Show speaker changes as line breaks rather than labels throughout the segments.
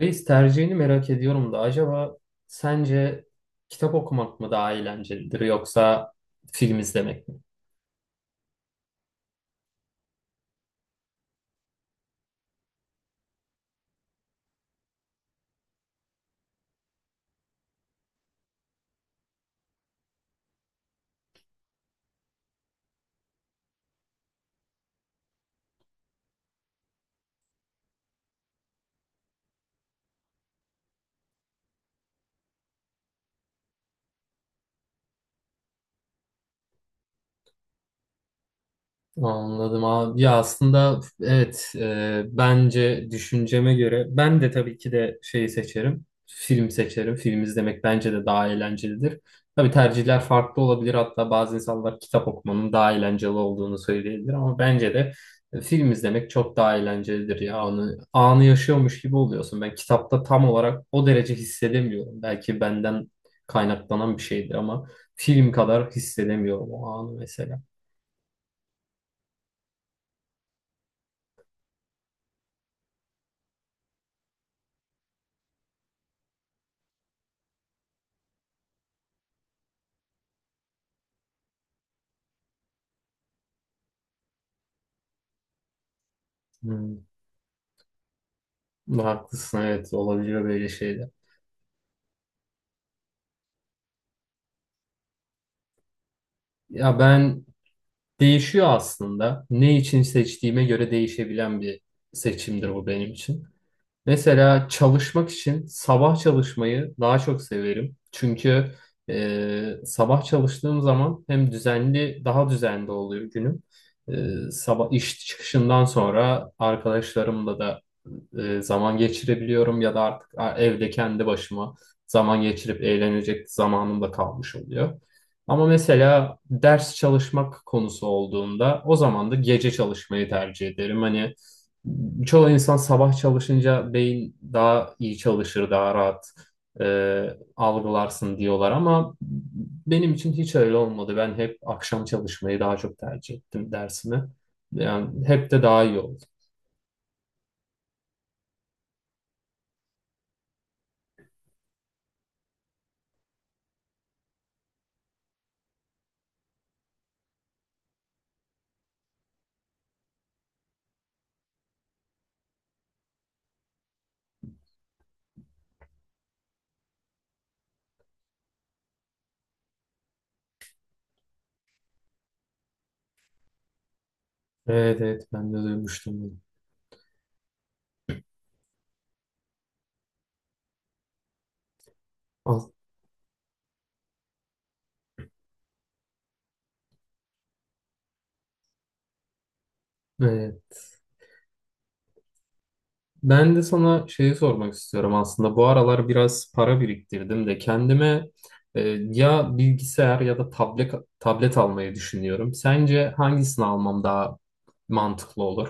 Reis, tercihini merak ediyorum da acaba sence kitap okumak mı daha eğlencelidir yoksa film izlemek mi? Anladım abi. Ya aslında evet, bence düşünceme göre ben de tabii ki de şeyi seçerim. Film seçerim. Film izlemek bence de daha eğlencelidir. Tabii tercihler farklı olabilir. Hatta bazı insanlar kitap okumanın daha eğlenceli olduğunu söyleyebilir ama bence de film izlemek çok daha eğlencelidir ya. Anı, anı yaşıyormuş gibi oluyorsun. Ben kitapta tam olarak o derece hissedemiyorum. Belki benden kaynaklanan bir şeydir ama film kadar hissedemiyorum o anı mesela. Hmm. Haklısın, evet, olabiliyor böyle şeyler. Ya ben değişiyor aslında. Ne için seçtiğime göre değişebilen bir seçimdir bu benim için. Mesela çalışmak için sabah çalışmayı daha çok severim. Çünkü sabah çalıştığım zaman hem düzenli, daha düzenli oluyor günüm. E, sabah iş çıkışından sonra arkadaşlarımla da zaman geçirebiliyorum ya da artık evde kendi başıma zaman geçirip eğlenecek zamanım da kalmış oluyor. Ama mesela ders çalışmak konusu olduğunda o zaman da gece çalışmayı tercih ederim. Hani çoğu insan sabah çalışınca beyin daha iyi çalışır, daha rahat algılarsın diyorlar ama benim için hiç öyle olmadı. Ben hep akşam çalışmayı daha çok tercih ettim dersimi. Yani hep de daha iyi oldu. Evet, evet, ben de duymuştum bunu. Al, evet. Ben de sana şeyi sormak istiyorum aslında. Bu aralar biraz para biriktirdim de kendime e, ya bilgisayar ya da tablet tablet almayı düşünüyorum. Sence hangisini almam daha mantıklı olur?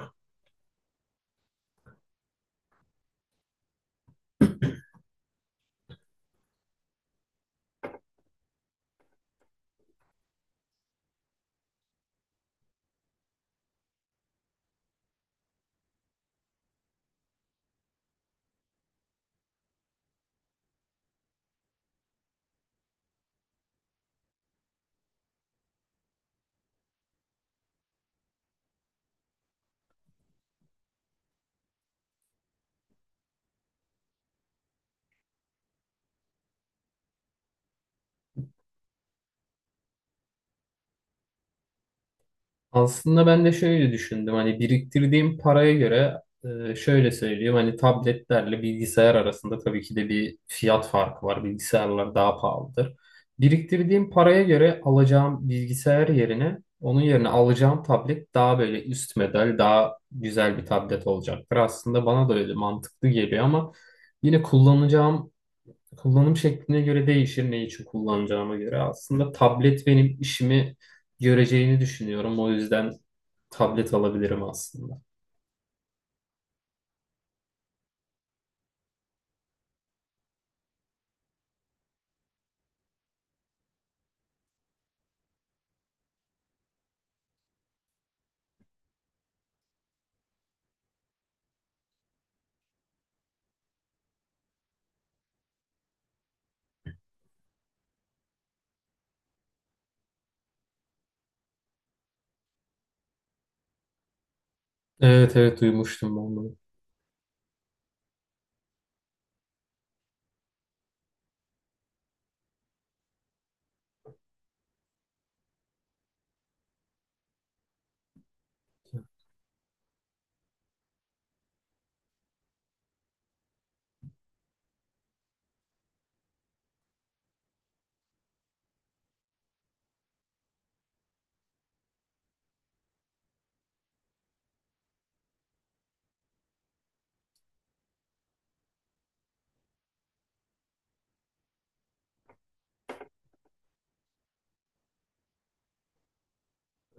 Aslında ben de şöyle düşündüm, hani biriktirdiğim paraya göre, şöyle söyleyeyim, hani tabletlerle bilgisayar arasında tabii ki de bir fiyat farkı var. Bilgisayarlar daha pahalıdır. Biriktirdiğim paraya göre alacağım bilgisayar yerine, onun yerine alacağım tablet daha böyle üst model, daha güzel bir tablet olacaktır. Aslında bana da öyle mantıklı geliyor ama yine kullanacağım kullanım şekline göre değişir, ne için kullanacağıma göre. Aslında tablet benim işimi göreceğini düşünüyorum. O yüzden tablet alabilirim aslında. Evet, evet, duymuştum ben bunu.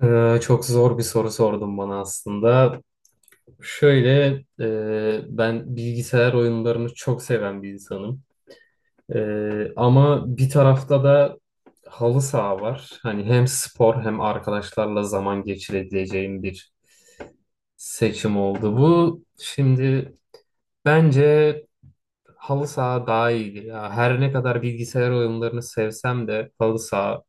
Çok zor bir soru sordum bana aslında. Şöyle, ben bilgisayar oyunlarını çok seven bir insanım. Ama bir tarafta da halı saha var. Hani hem spor hem arkadaşlarla zaman geçirebileceğim bir seçim oldu bu. Şimdi bence halı saha daha iyi. Ya her ne kadar bilgisayar oyunlarını sevsem de halı saha,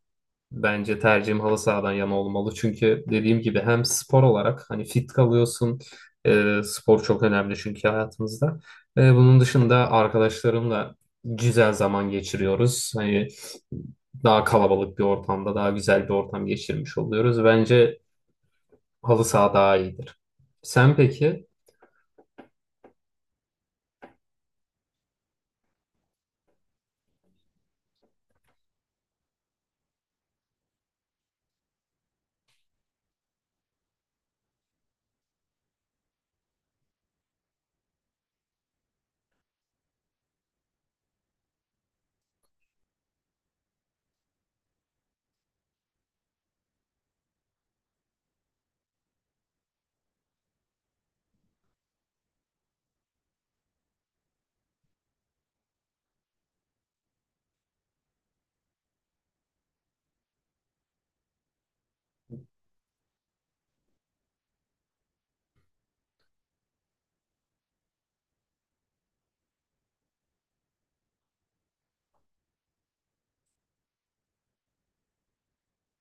bence tercihim halı sahadan yana olmalı. Çünkü dediğim gibi hem spor olarak hani fit kalıyorsun. Spor çok önemli çünkü hayatımızda. Bunun dışında arkadaşlarımla güzel zaman geçiriyoruz. Hani daha kalabalık bir ortamda daha güzel bir ortam geçirmiş oluyoruz. Bence halı saha daha iyidir. Sen peki?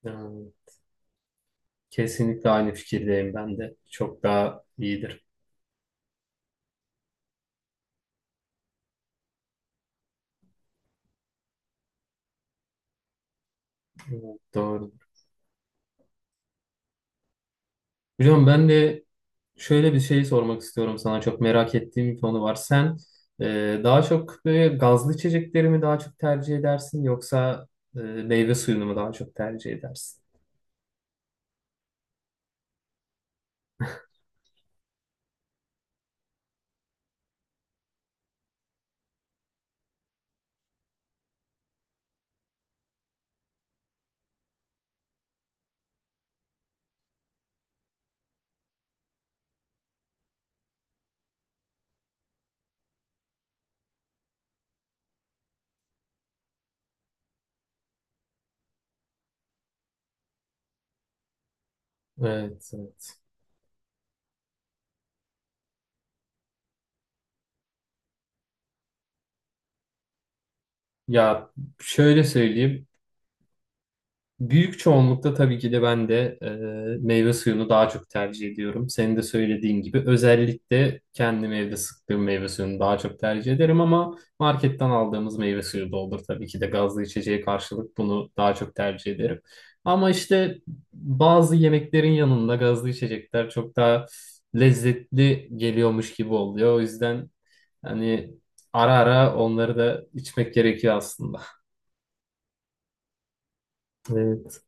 E, kesinlikle aynı fikirdeyim ben de. Çok daha iyidir. Evet, doğru. Hocam ben de şöyle bir şey sormak istiyorum sana. Çok merak ettiğim bir konu var. Sen daha çok böyle gazlı içecekleri mi daha çok tercih edersin yoksa meyve suyunu mu daha çok tercih edersin? Evet, evet. Ya şöyle söyleyeyim. Büyük çoğunlukta tabii ki de ben de meyve suyunu daha çok tercih ediyorum. Senin de söylediğin gibi, özellikle kendim evde sıktığım meyve suyunu daha çok tercih ederim ama marketten aldığımız meyve suyu da olur. Tabii ki de gazlı içeceğe karşılık bunu daha çok tercih ederim. Ama işte bazı yemeklerin yanında gazlı içecekler çok daha lezzetli geliyormuş gibi oluyor. O yüzden hani ara ara onları da içmek gerekiyor aslında. Evet,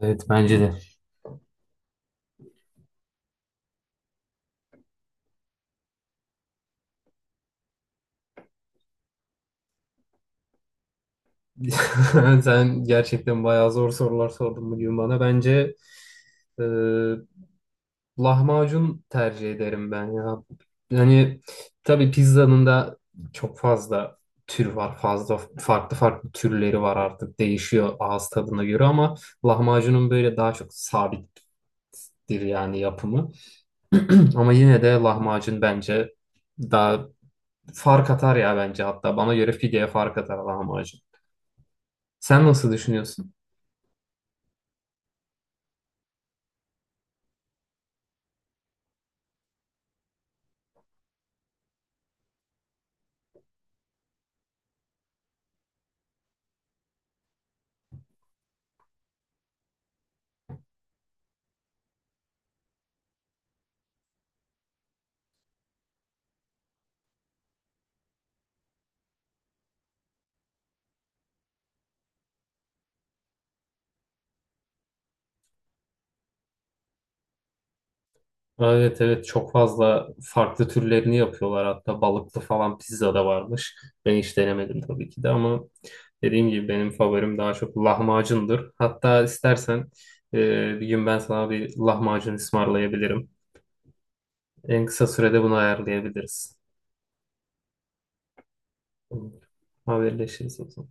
evet, bence de. Sen gerçekten bayağı zor sorular sordun bugün bana. Bence e, lahmacun tercih ederim ben ya. Yani tabii pizzanın da çok fazla tür var. Fazla farklı türleri var artık. Değişiyor ağız tadına göre ama lahmacunun böyle daha çok sabittir yani yapımı. Ama yine de lahmacun bence daha fark atar ya, bence hatta. Bana göre pideye fark atar lahmacun. Sen nasıl düşünüyorsun? Evet, evet, çok fazla farklı türlerini yapıyorlar, hatta balıklı falan pizza da varmış. Ben hiç denemedim tabii ki de ama dediğim gibi benim favorim daha çok lahmacundur. Hatta istersen bir gün ben sana bir lahmacun ısmarlayabilirim. En kısa sürede bunu ayarlayabiliriz. Haberleşiriz o zaman.